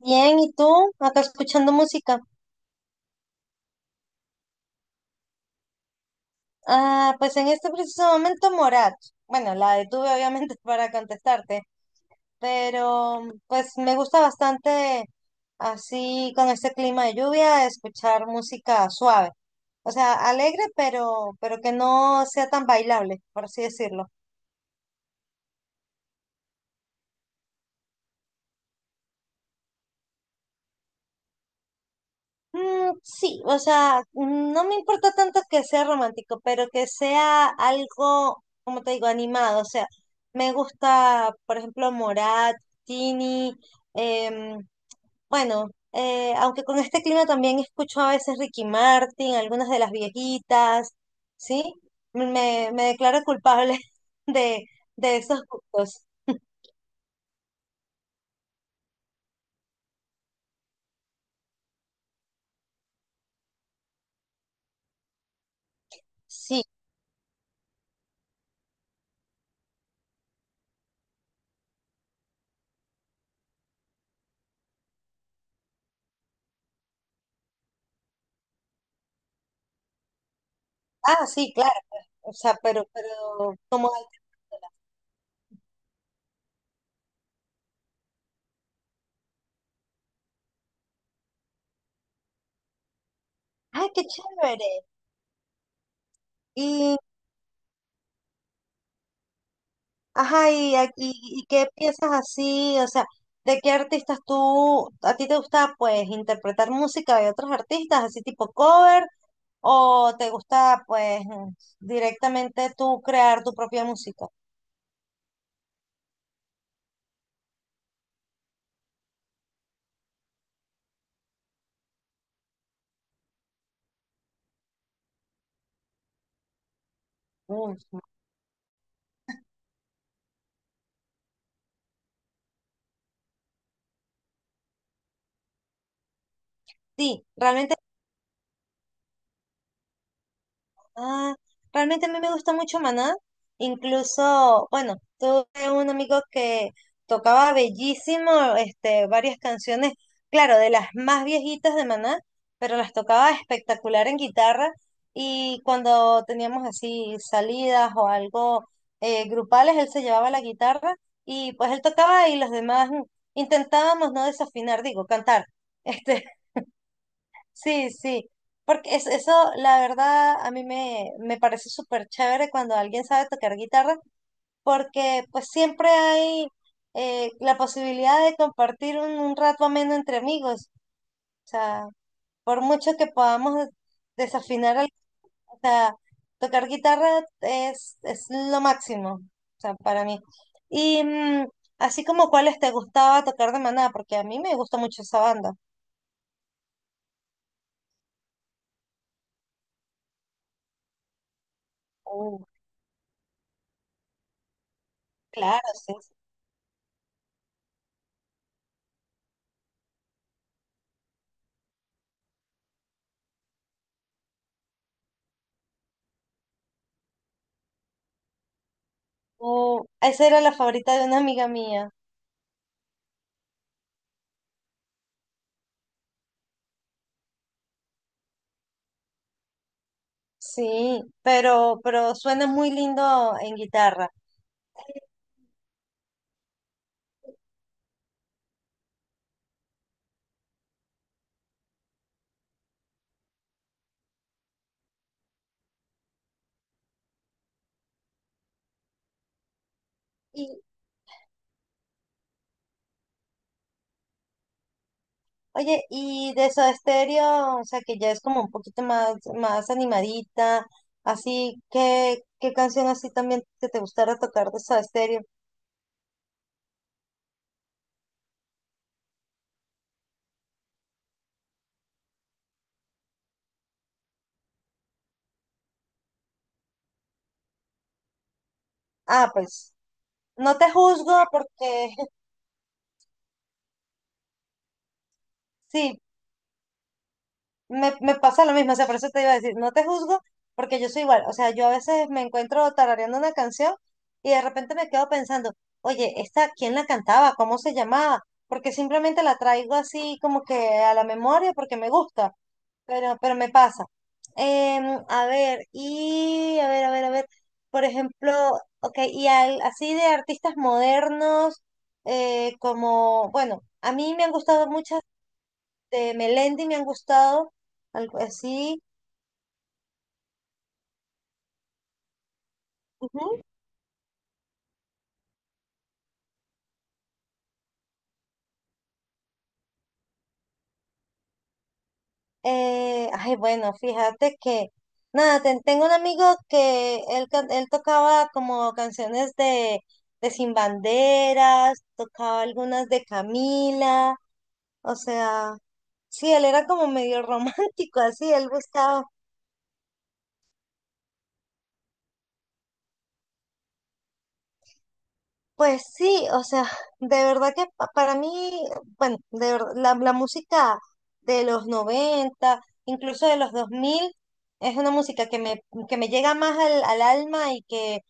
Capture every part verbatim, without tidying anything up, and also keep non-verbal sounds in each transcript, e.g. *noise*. Bien, ¿y tú? Acá escuchando música. Ah, pues en este preciso momento Morat. Bueno, la detuve obviamente *laughs* para contestarte, pero pues me gusta bastante así con este clima de lluvia escuchar música suave. O sea, alegre, pero pero que no sea tan bailable, por así decirlo. Mm, sí, o sea, mm, no me importa tanto que sea romántico, pero que sea algo, como te digo, animado. O sea, me gusta, por ejemplo, Morat, Tini, em, bueno, eh, aunque con este clima también escucho a veces Ricky Martin, algunas de las viejitas, ¿sí? Me, me declaro culpable *laughs* de, de esos gustos. Sí, ah, sí, claro. O sea, pero, pero como, ay, qué chévere. Y ajá, y, a- y, y qué piensas así, o sea, ¿de qué artistas tú, a ti te gusta pues interpretar música de otros artistas, así tipo cover, o te gusta pues directamente tú crear tu propia música? Mm, sí, realmente, ah, realmente a mí me gusta mucho Maná. Incluso, bueno, tuve un amigo que tocaba bellísimo, este, varias canciones, claro, de las más viejitas de Maná, pero las tocaba espectacular en guitarra. Y cuando teníamos así salidas o algo eh, grupales, él se llevaba la guitarra y pues él tocaba y los demás mm, intentábamos no desafinar, digo, cantar. *laughs* Este, sí, sí, porque es, eso la verdad a mí me, me parece súper chévere cuando alguien sabe tocar guitarra, porque pues siempre hay eh, la posibilidad de compartir un, un rato ameno entre amigos, o sea, por mucho que podamos desafinar, al- o sea, tocar guitarra es, es lo máximo, o sea, para mí. Y mm, así como cuáles te gustaba tocar de Maná, porque a mí me gusta mucho esa banda. Uh, claro, oh, esa era la favorita de una amiga mía. Sí, pero, pero suena muy lindo en guitarra. Y, oye, y de Soda Stereo, o sea, que ya es como un poquito más, más animadita, así, ¿qué, qué canción así también que te gustara tocar de Soda Stereo? Ah, pues, no te juzgo porque, *laughs* sí, me, me pasa lo mismo, o sea, por eso te iba a decir, no te juzgo, porque yo soy igual, o sea, yo a veces me encuentro tarareando una canción y de repente me quedo pensando, oye, ¿esta quién la cantaba? ¿Cómo se llamaba? Porque simplemente la traigo así como que a la memoria porque me gusta, pero, pero me pasa. Em, a ver, y a ver, a ver, a ver, por ejemplo, ok, y al- así de artistas modernos, eh, como, bueno, a mí me han gustado muchas de Melendi me han gustado, algo así. Ujú. Eh, ay, bueno, fíjate que, nada, ten- tengo un amigo que él, can- él tocaba como canciones de, de Sin Banderas, tocaba algunas de Camila, o sea, sí, él era como medio *laughs* romántico, así, él buscaba pues sí, o sea, *laughs* de verdad que pa- para mí, bueno, de verdad, la, la música de los noventa incluso de los dos mil es una música que me, que me llega más al, al alma y que,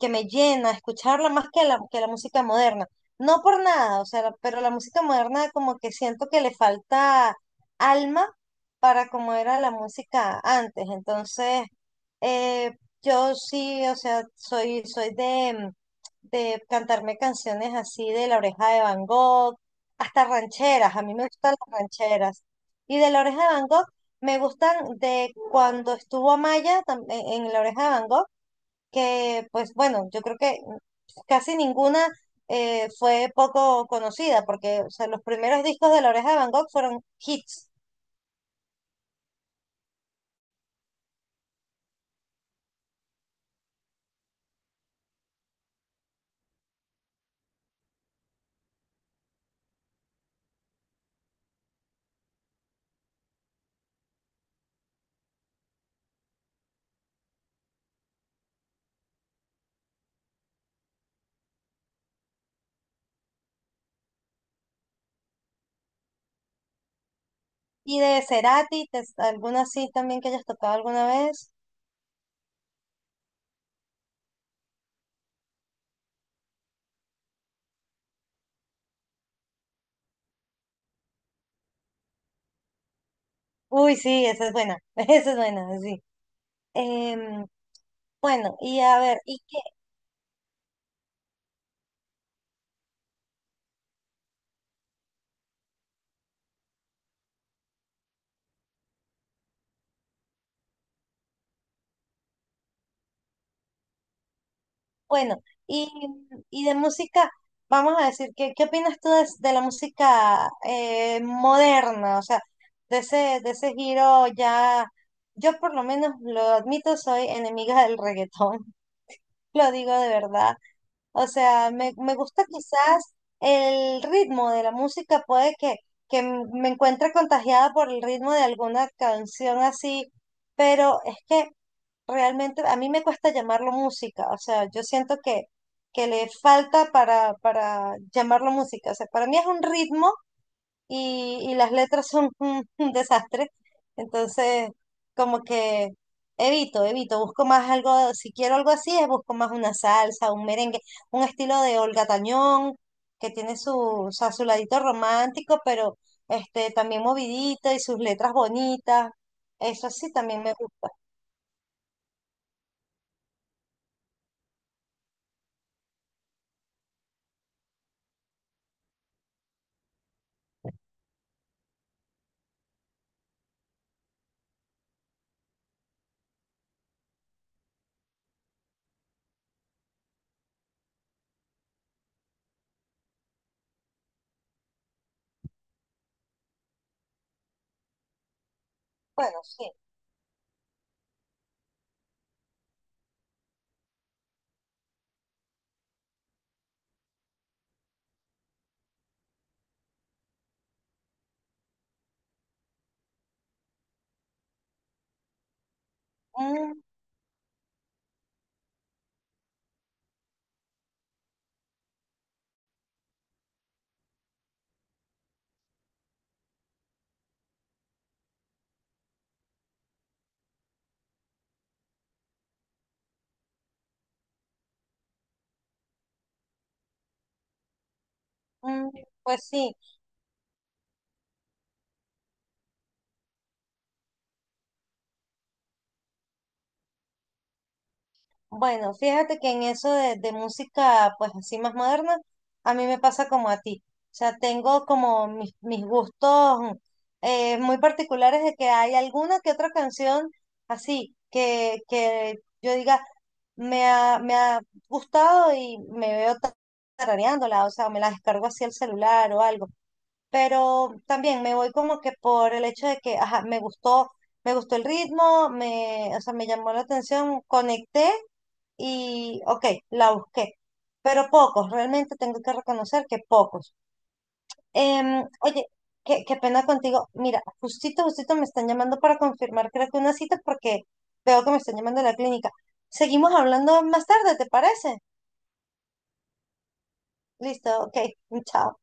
que me llena escucharla más que la, que la música moderna. No por nada, o sea, la- pero la música moderna como que siento que le falta alma para como era la música antes. Entonces, eh, yo sí, o sea, soy, soy de de cantarme canciones así de La Oreja de Van Gogh, hasta rancheras, a mí me gustan las rancheras. Y de La Oreja de Van Gogh me gustan de cuando estuvo Amaya tam- en en La Oreja de Van Gogh, que pues bueno, yo creo que casi ninguna eh, fue poco conocida, porque o sea, los primeros discos de La Oreja de Van Gogh fueron hits. Y de Cerati, te- alguna sí también que hayas tocado alguna vez. Uy, sí, esa es buena, *laughs* esa es buena, sí. Em, bueno, y a ver, y qué, bueno, y, y de música, vamos a decir, ¿qué, qué opinas tú de, de la música eh, moderna? O sea, de ese, de ese giro ya, yo por lo menos lo admito, soy enemiga del reggaetón, *laughs* lo digo de verdad. O sea, me, me gusta quizás el ritmo de la música, puede que, que me encuentre contagiada por el ritmo de alguna canción así, pero es que realmente a mí me cuesta llamarlo música, o sea, yo siento que, que le falta para, para llamarlo música, o sea, para mí es un ritmo y, y las letras son *laughs* un, un desastre, entonces como que evito, evito, busco más algo, si quiero algo así, es busco más una salsa, un merengue, un estilo de Olga Tañón, que tiene su, o sea, su ladito romántico, pero este, también movidito y sus letras bonitas, eso sí también me gusta. Bueno, sí. Mm, pues sí, bueno, fíjate que en eso de, de música, pues así más moderna, a mí me pasa como a ti. O sea, tengo como mis, mis gustos mm, eh, muy particulares de que hay alguna que otra canción así que, que yo diga, me ha, me ha gustado y me veo ta- tarareándola, o sea, me la descargo así al celular o algo. Pero también me voy como que por el hecho de que, ajá, me gustó, me gustó el ritmo, me, o sea, me llamó la atención, conecté y, ok, la busqué, pero pocos, realmente tengo que reconocer que pocos. Em, oye, qué, qué pena contigo, mira, justito, justito me están llamando para confirmar, creo que una cita porque veo que me están llamando de la clínica. Seguimos hablando más tarde, ¿te parece? Listo, ok, *laughs* chao.